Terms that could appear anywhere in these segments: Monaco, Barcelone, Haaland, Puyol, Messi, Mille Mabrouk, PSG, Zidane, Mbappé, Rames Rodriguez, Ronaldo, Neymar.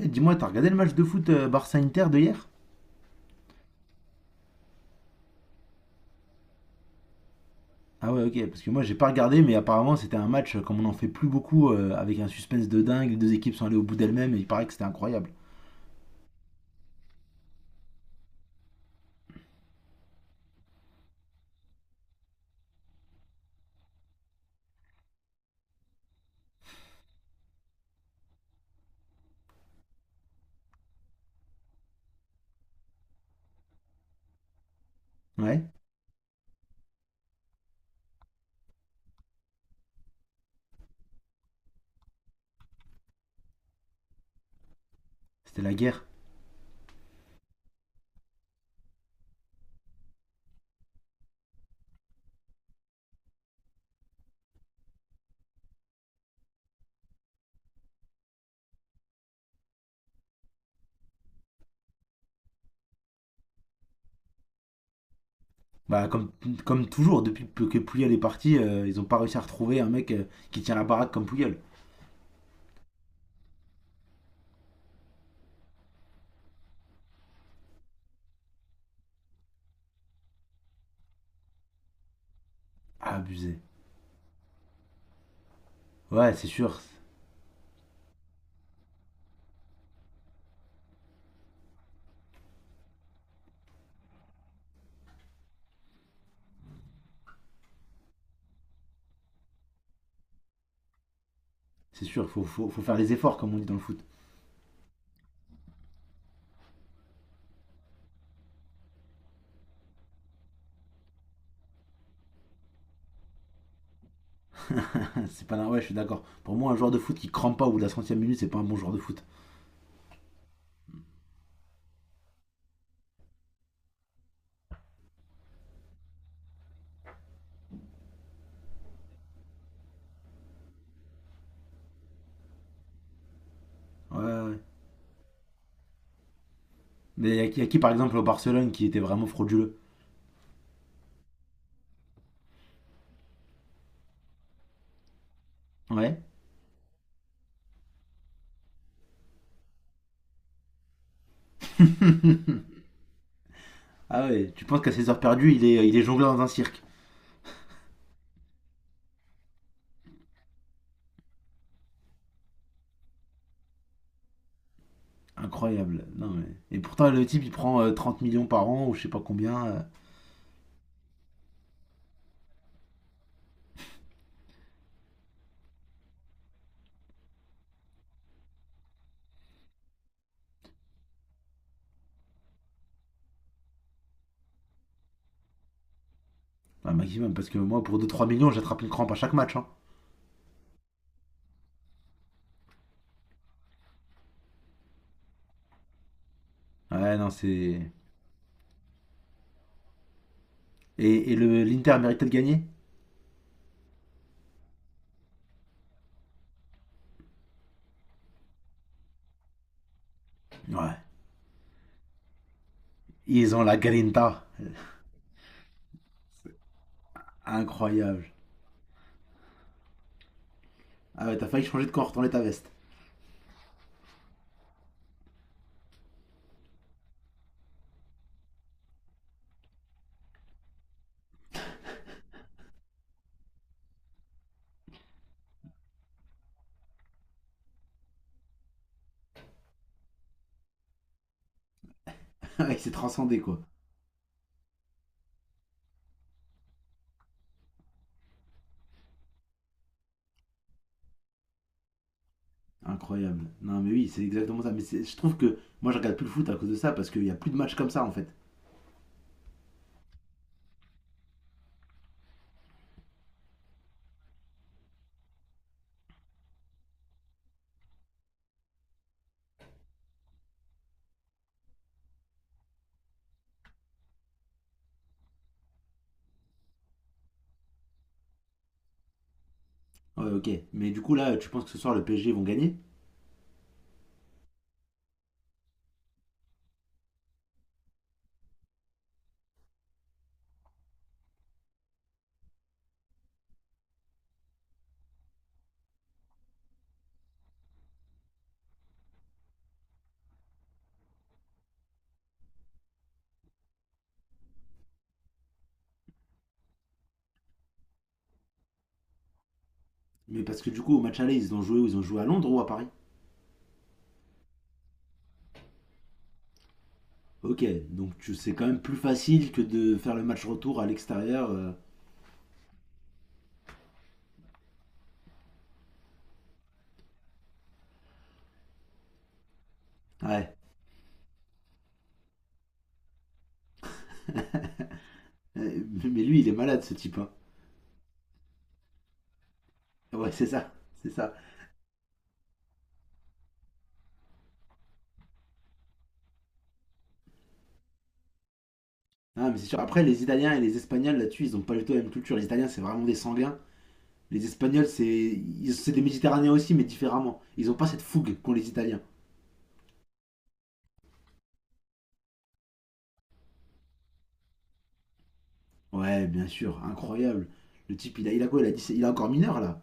Eh, dis-moi, t'as regardé le match de foot Barça-Inter de hier? Ah ouais, ok, parce que moi j'ai pas regardé, mais apparemment c'était un match, comme on en fait plus beaucoup, avec un suspense de dingue, les deux équipes sont allées au bout d'elles-mêmes, et il paraît que c'était incroyable. Ouais, c'était la guerre. Bah comme, comme toujours, depuis que Puyol est parti, ils ont pas réussi à retrouver un mec qui tient la baraque comme Puyol. Abusé. Ouais, c'est sûr, faut faire les efforts comme on dit dans le foot. C'est pas normal, ouais, je suis d'accord. Pour moi, un joueur de foot qui crampe pas au bout de la centième minute, c'est pas un bon joueur de foot. Ouais, ouais, ouais. Mais il y a qui par exemple au Barcelone qui était vraiment frauduleux? Ouais. Ah ouais, tu penses qu'à ses heures perdues, il est jongleur dans un cirque. Incroyable. Non, mais... Et pourtant, le type, il prend 30 millions par an, ou je sais pas combien, un maximum, parce que moi, pour deux trois millions, j'attrape une crampe à chaque match, hein. Ouais, non, c'est... et le, l'Inter méritait de gagner. Ouais. Ils ont la grinta. Incroyable. Ah ouais, t'as failli changer de camp, retourner ta veste. Il s'est transcendé, quoi. Incroyable. Non, mais oui, c'est exactement ça. Mais je trouve que moi, je regarde plus le foot à cause de ça, parce qu'il y a plus de matchs comme ça, en fait. Ouais, ok. Mais du coup, là, tu penses que ce soir, le PSG vont gagner? Mais parce que du coup, au match aller, ils ont joué où? Ils ont joué à Londres ou à Paris? Ok, donc c'est quand même plus facile que de faire le match retour à l'extérieur, Ouais. Mais lui, il est malade, ce type, hein. Ouais, c'est ça. C'est ça. Ah, mais c'est sûr. Après, les Italiens et les Espagnols, là-dessus, ils ont pas du tout la même culture. Les Italiens, c'est vraiment des sanguins. Les Espagnols, c'est des Méditerranéens aussi, mais différemment. Ils ont pas cette fougue qu'ont les Italiens. Ouais, bien sûr. Incroyable. Le type, il a quoi, il a 17, il a encore mineur, là.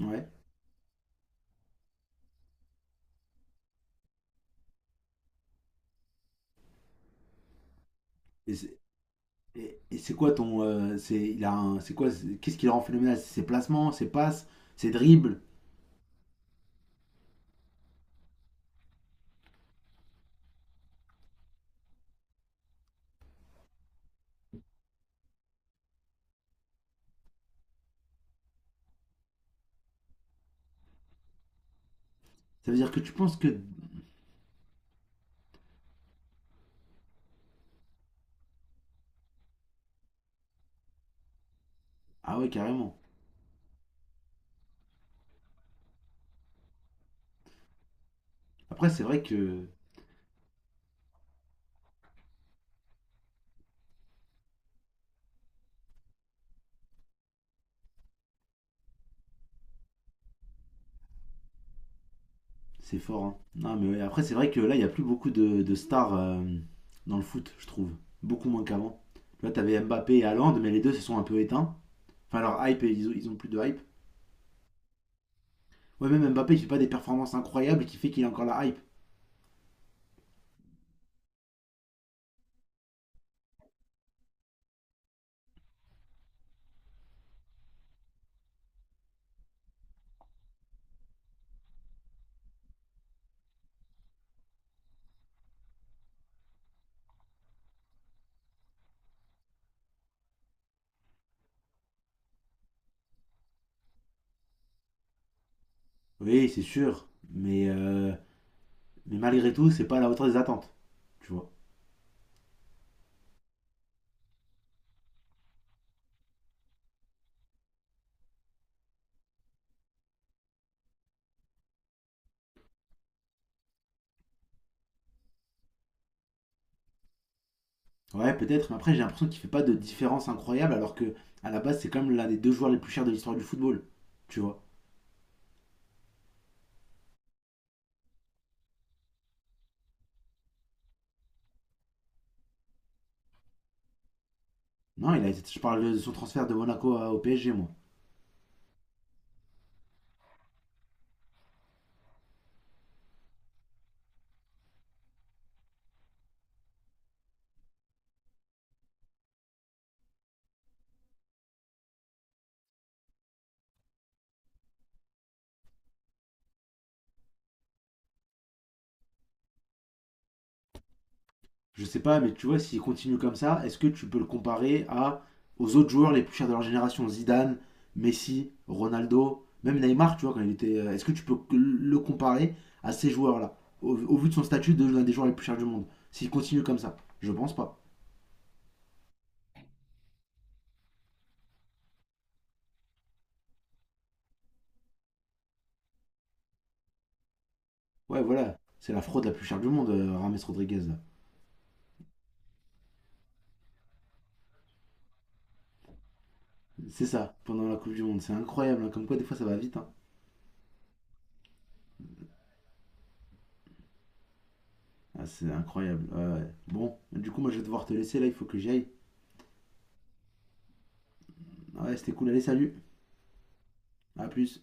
Ouais. Et et c'est quoi ton. C'est il a un- c'est quoi c'est- qu'est-ce qui le rend phénoménal? C'est ses placements, ses passes, ses dribbles. Ça veut dire que tu penses que... Ah ouais, carrément. Après, c'est vrai que c'est fort, hein. Non, mais ouais, après, c'est vrai que là, il n'y a plus beaucoup de stars dans le foot, je trouve. Beaucoup moins qu'avant. Là, t'avais Mbappé et Haaland, mais les deux se sont un peu éteints. Enfin, leur hype, ils ont plus de hype. Ouais, même Mbappé, il fait pas des performances incroyables qui fait qu'il a encore la hype. Oui, c'est sûr. Mais malgré tout, c'est pas à la hauteur des attentes. Tu vois. Ouais, peut-être, mais après j'ai l'impression qu'il fait pas de différence incroyable alors que à la base c'est quand même l'un des deux joueurs les plus chers de l'histoire du football. Tu vois. Non, je parle de son transfert de Monaco au PSG, moi. Je sais pas, mais tu vois, s'il continue comme ça, est-ce que tu peux le comparer à aux autres joueurs les plus chers de leur génération, Zidane, Messi, Ronaldo, même Neymar, tu vois, quand il était... Est-ce que tu peux que le comparer à ces joueurs-là, au vu de son statut de l'un des joueurs les plus chers du monde? S'il continue comme ça, je pense pas. Ouais, voilà, c'est la fraude la plus chère du monde, Rames Rodriguez, là. C'est ça, pendant la Coupe du Monde. C'est incroyable, hein, comme quoi des fois ça va vite, hein. Ah, c'est incroyable, ouais, ouais. Bon, du coup, moi je vais devoir te laisser là, il faut que j'y aille. Ouais, c'était cool, allez, salut. À plus.